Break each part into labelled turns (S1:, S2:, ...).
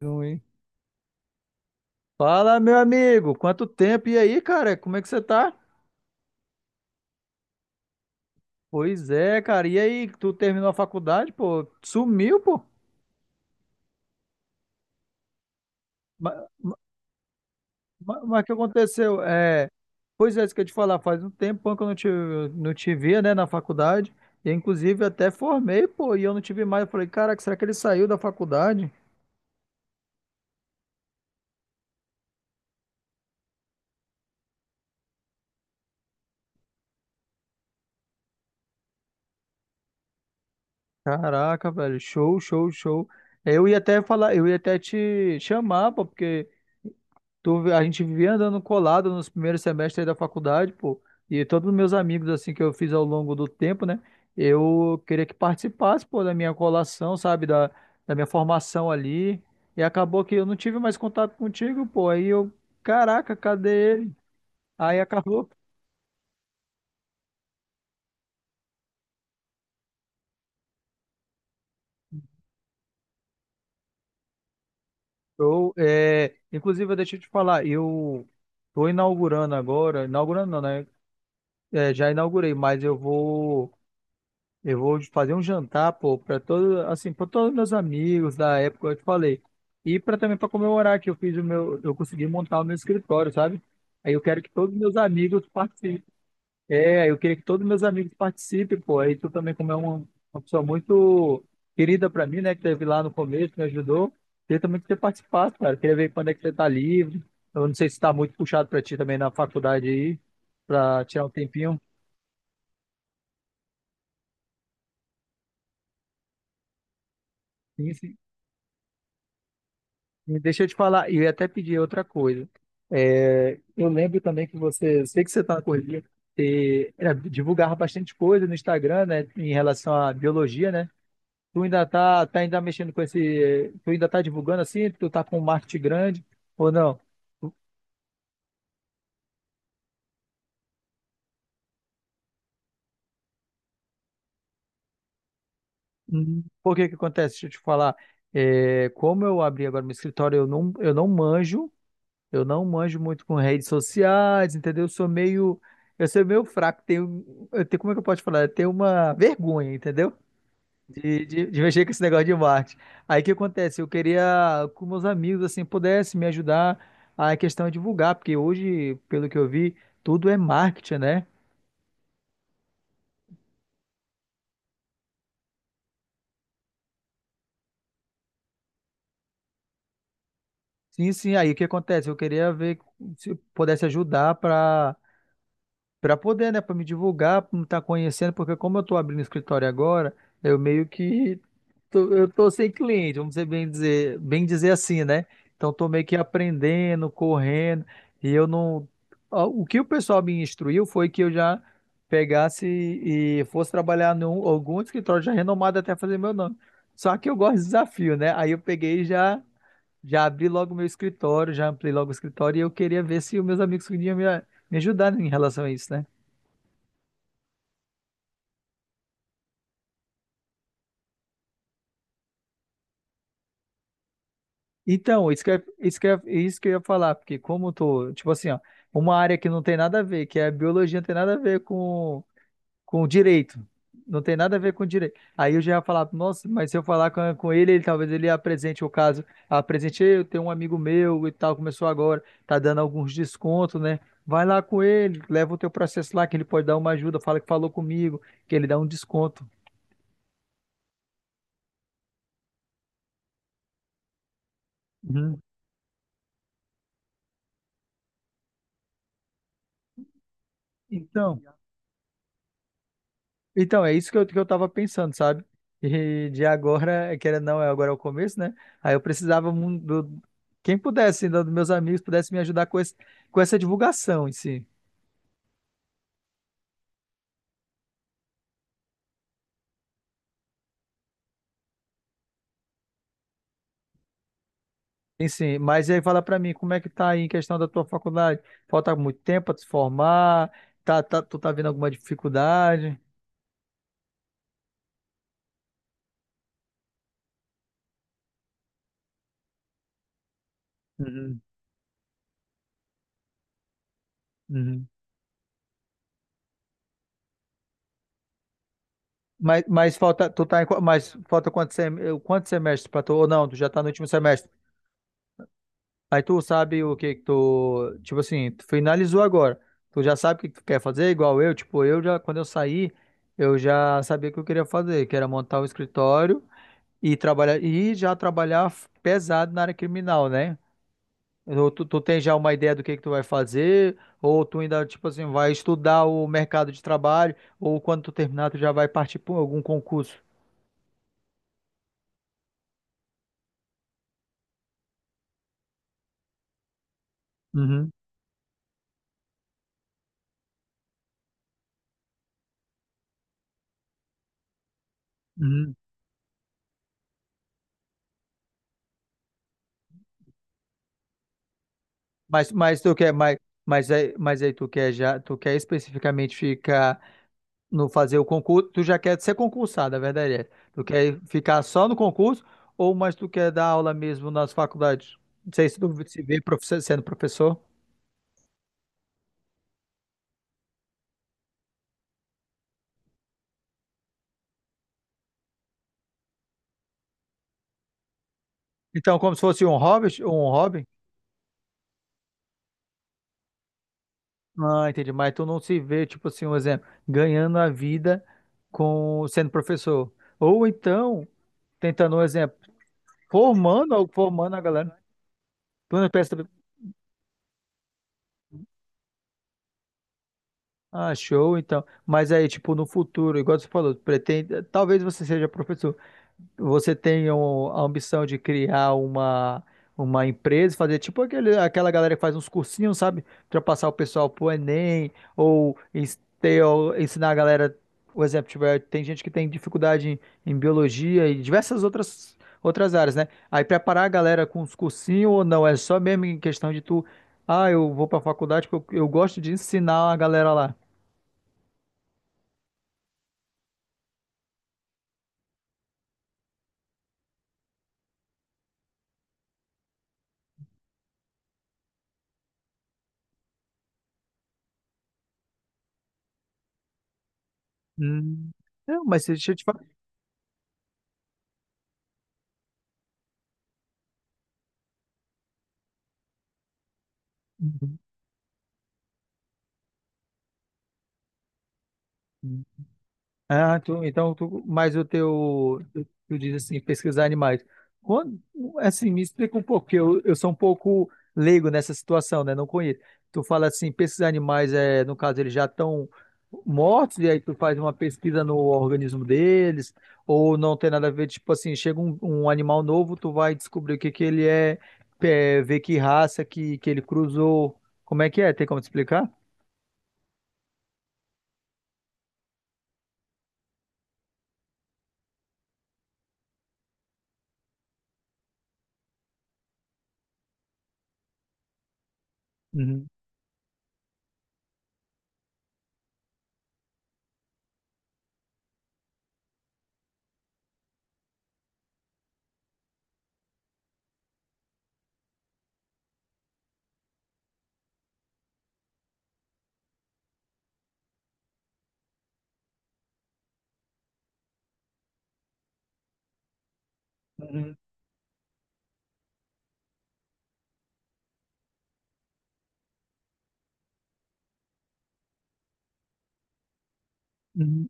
S1: Ruim. Fala, meu amigo, quanto tempo? E aí, cara, como é que você tá? Pois é, cara, e aí, tu terminou a faculdade, pô? Sumiu, pô? Mas, o que aconteceu? É, pois é, isso que eu ia te falar, faz um tempão que eu não te via, né, na faculdade, e inclusive até formei, pô, e eu não tive mais, eu falei, caraca, será que ele saiu da faculdade? Caraca, velho, show, show, show. Eu ia até falar, eu ia até te chamar, pô, porque a gente vivia andando colado nos primeiros semestres da faculdade, pô. E todos os meus amigos, assim, que eu fiz ao longo do tempo, né? Eu queria que participasse, pô, da minha colação, sabe? Da, da minha formação ali. E acabou que eu não tive mais contato contigo, pô. Aí eu, caraca, cadê ele? Aí acabou. Eu, é, inclusive, deixa eu te falar, eu tô inaugurando agora, inaugurando não, né? É, já inaugurei, mas eu vou. Eu vou fazer um jantar, pô, assim, para todos meus amigos da época, eu te falei. E para também para comemorar que eu fiz o meu, eu consegui montar o meu escritório, sabe? Aí eu quero que todos meus amigos participem. É, eu queria que todos meus amigos participem, pô. Aí tu também, como é uma pessoa muito querida para mim, né, que teve lá no começo, me ajudou. Queria também que você participasse, cara. Queria ver quando é que você tá livre. Eu não sei se tá muito puxado para ti também na faculdade aí, para tirar um tempinho. Sim, sim. E deixa eu te falar, e eu ia até pedir outra coisa. É, eu lembro também que você, sei que você está na correria, divulgava bastante coisa no Instagram, né, em relação à biologia, né? Tu ainda tá ainda mexendo com esse, tu ainda tá divulgando assim, tu tá com um marketing grande ou não? Por que que acontece? Deixa eu te falar. É, como eu abri agora meu escritório, eu não manjo. Eu não manjo muito com redes sociais, entendeu? Eu sou meio fraco. Eu tenho, como é que eu posso falar? Eu tenho uma vergonha, entendeu? De mexer com esse negócio de marketing. Aí o que acontece? Eu queria que meus amigos assim pudessem me ajudar a questão de divulgar, porque hoje, pelo que eu vi, tudo é marketing, né? Sim, sim. Aí o que acontece? Eu queria ver se pudesse ajudar para pra poder, né, pra me divulgar, pra me estar conhecendo, porque como eu tô abrindo escritório agora, eu meio que tô, eu tô sem cliente, vamos dizer bem dizer assim, né? Então tô meio que aprendendo, correndo, e eu não. Ó, o que o pessoal me instruiu foi que eu já pegasse e fosse trabalhar em algum escritório já renomado até fazer meu nome. Só que eu gosto de desafio, né? Aí eu peguei e já abri logo meu escritório, já ampliei logo o escritório e eu queria ver se os meus amigos podiam me ajudar em relação a isso, né? Então, isso que eu ia falar, porque como eu tô, tipo assim, ó, uma área que não tem nada a ver, que é a biologia, não tem nada a ver com o direito. Não tem nada a ver com, o direito. Aí eu já ia falar, nossa, mas se eu falar com, com ele ele talvez ele apresente o caso. Apresente, "Ei, eu tenho um amigo meu e tal, começou agora, tá dando alguns descontos, né? Vai lá com ele, leva o teu processo lá, que ele pode dar uma ajuda, fala que falou comigo, que ele dá um desconto." Uhum. Então. Então, é isso que eu tava pensando, sabe? E de agora, querendo ou não, é agora é o começo, né? Aí eu precisava do, quem pudesse, ainda dos meus amigos, pudesse me ajudar com essa divulgação em si. Em si. Mas e aí fala pra mim, como é que tá aí em questão da tua faculdade? Falta muito tempo pra te formar? Tá, tu tá vendo alguma dificuldade? Uhum, uhum. Mas falta, tu tá em, mas falta quantos, quantos semestres pra tu? Ou não, tu já tá no último semestre? Aí tu sabe o que que tu, tipo assim, tu finalizou agora. Tu já sabe o que que tu quer fazer, igual eu, tipo, eu já, quando eu saí, eu já sabia o que eu queria fazer, que era montar um escritório e trabalhar, e já trabalhar pesado na área criminal, né? Ou tu tem já uma ideia do que tu vai fazer, ou tu ainda, tipo assim, vai estudar o mercado de trabalho, ou quando tu terminar, tu já vai partir para algum concurso. Uhum, uhum. Mas tu quer, mas aí tu quer já, tu quer especificamente ficar no fazer o concurso, tu já quer ser concursado, a verdade é. Tu quer ficar só no concurso ou mas tu quer dar aula mesmo nas faculdades? Não sei se tu se vê sendo professor. Então, como se fosse um hobby, um hobby? Ah, entendi. Mas tu não se vê, tipo assim, um exemplo, ganhando a vida com sendo professor. Ou então, tentando um exemplo, formando, formando a galera. Tu não pensa, ah, show, então. Mas aí, tipo, no futuro, igual você falou, pretende, talvez você seja professor. Você tem a ambição de criar uma, empresa, fazer tipo aquela galera que faz uns cursinhos, sabe? Pra passar o pessoal pro Enem, ou ter ensinar a galera, por exemplo, tiver, tem gente que tem dificuldade em, em biologia e diversas outras, outras áreas, né? Aí preparar a galera com uns cursinhos ou não, é só mesmo em questão de tu, ah, eu vou pra faculdade porque eu gosto de ensinar a galera lá. Hum, não, mas deixa eu te falar. Ah, tu, então, tu, mas o teu, tu diz assim, pesquisar animais. Quando, assim, me explica um pouco, porque eu sou um pouco leigo nessa situação, né? Não conheço. Tu fala assim, pesquisar animais, é, no caso, eles já estão mortos, e aí tu faz uma pesquisa no organismo deles, ou não tem nada a ver, tipo assim, chega um, animal novo, tu vai descobrir o que que ele é, ver que raça que ele cruzou. Como é que é? Tem como te explicar? Uhum. Uhum. Uhum.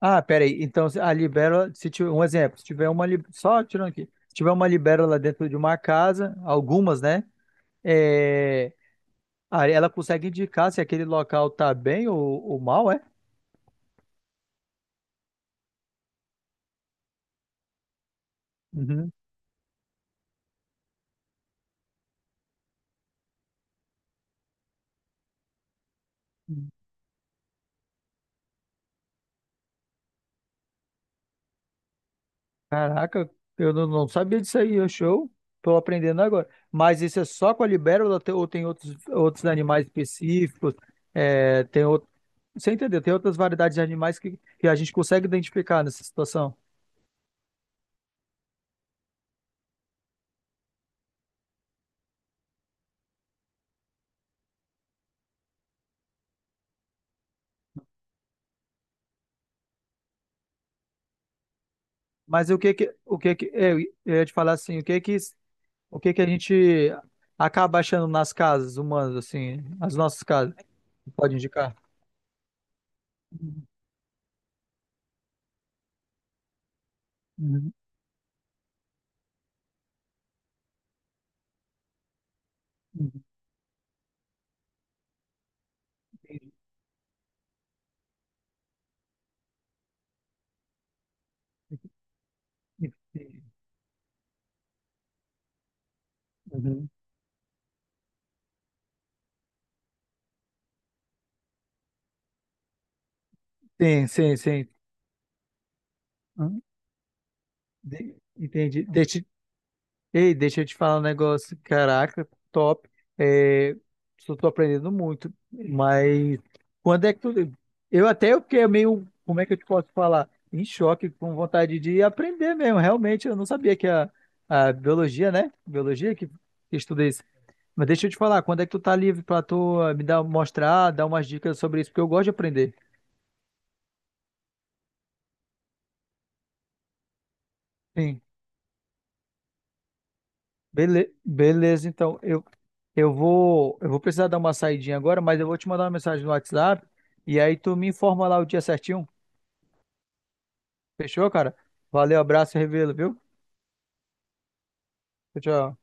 S1: Ah, peraí. Então, a libélula, se tiver um exemplo, se tiver só tirando aqui, se tiver uma libélula dentro de uma casa, algumas, né? É, aí ela consegue indicar se aquele local tá bem ou mal, é? Uhum. Caraca, eu não sabia disso aí, é show. Tô aprendendo agora. Mas isso é só com a libélula ou tem outros, outros animais específicos? É, tem outro, você entendeu? Tem outras variedades de animais que a gente consegue identificar nessa situação. Mas o que que, eu ia te falar assim, o que que a gente acaba achando nas casas humanas, assim, as nossas casas, pode indicar? Uhum, uhum, entendi, entendi. Uhum. Sim, sim, sim. Hum, entendi. Ei, deixa eu te falar um negócio. Caraca, top. É, só tô aprendendo muito. Mas quando é que tu. Eu fiquei meio. Como é que eu te posso falar? Em choque, com vontade de aprender mesmo. Realmente, eu não sabia que a biologia, né? Biologia que estuda isso. Mas deixa eu te falar, quando é que tu tá livre pra tu me dar, mostrar, dar umas dicas sobre isso? Porque eu gosto de aprender. Sim. Beleza, então eu vou precisar dar uma saidinha agora, mas eu vou te mandar uma mensagem no WhatsApp e aí tu me informa lá o dia certinho. Fechou, cara? Valeu, abraço e revelo, viu? Tchau, tchau.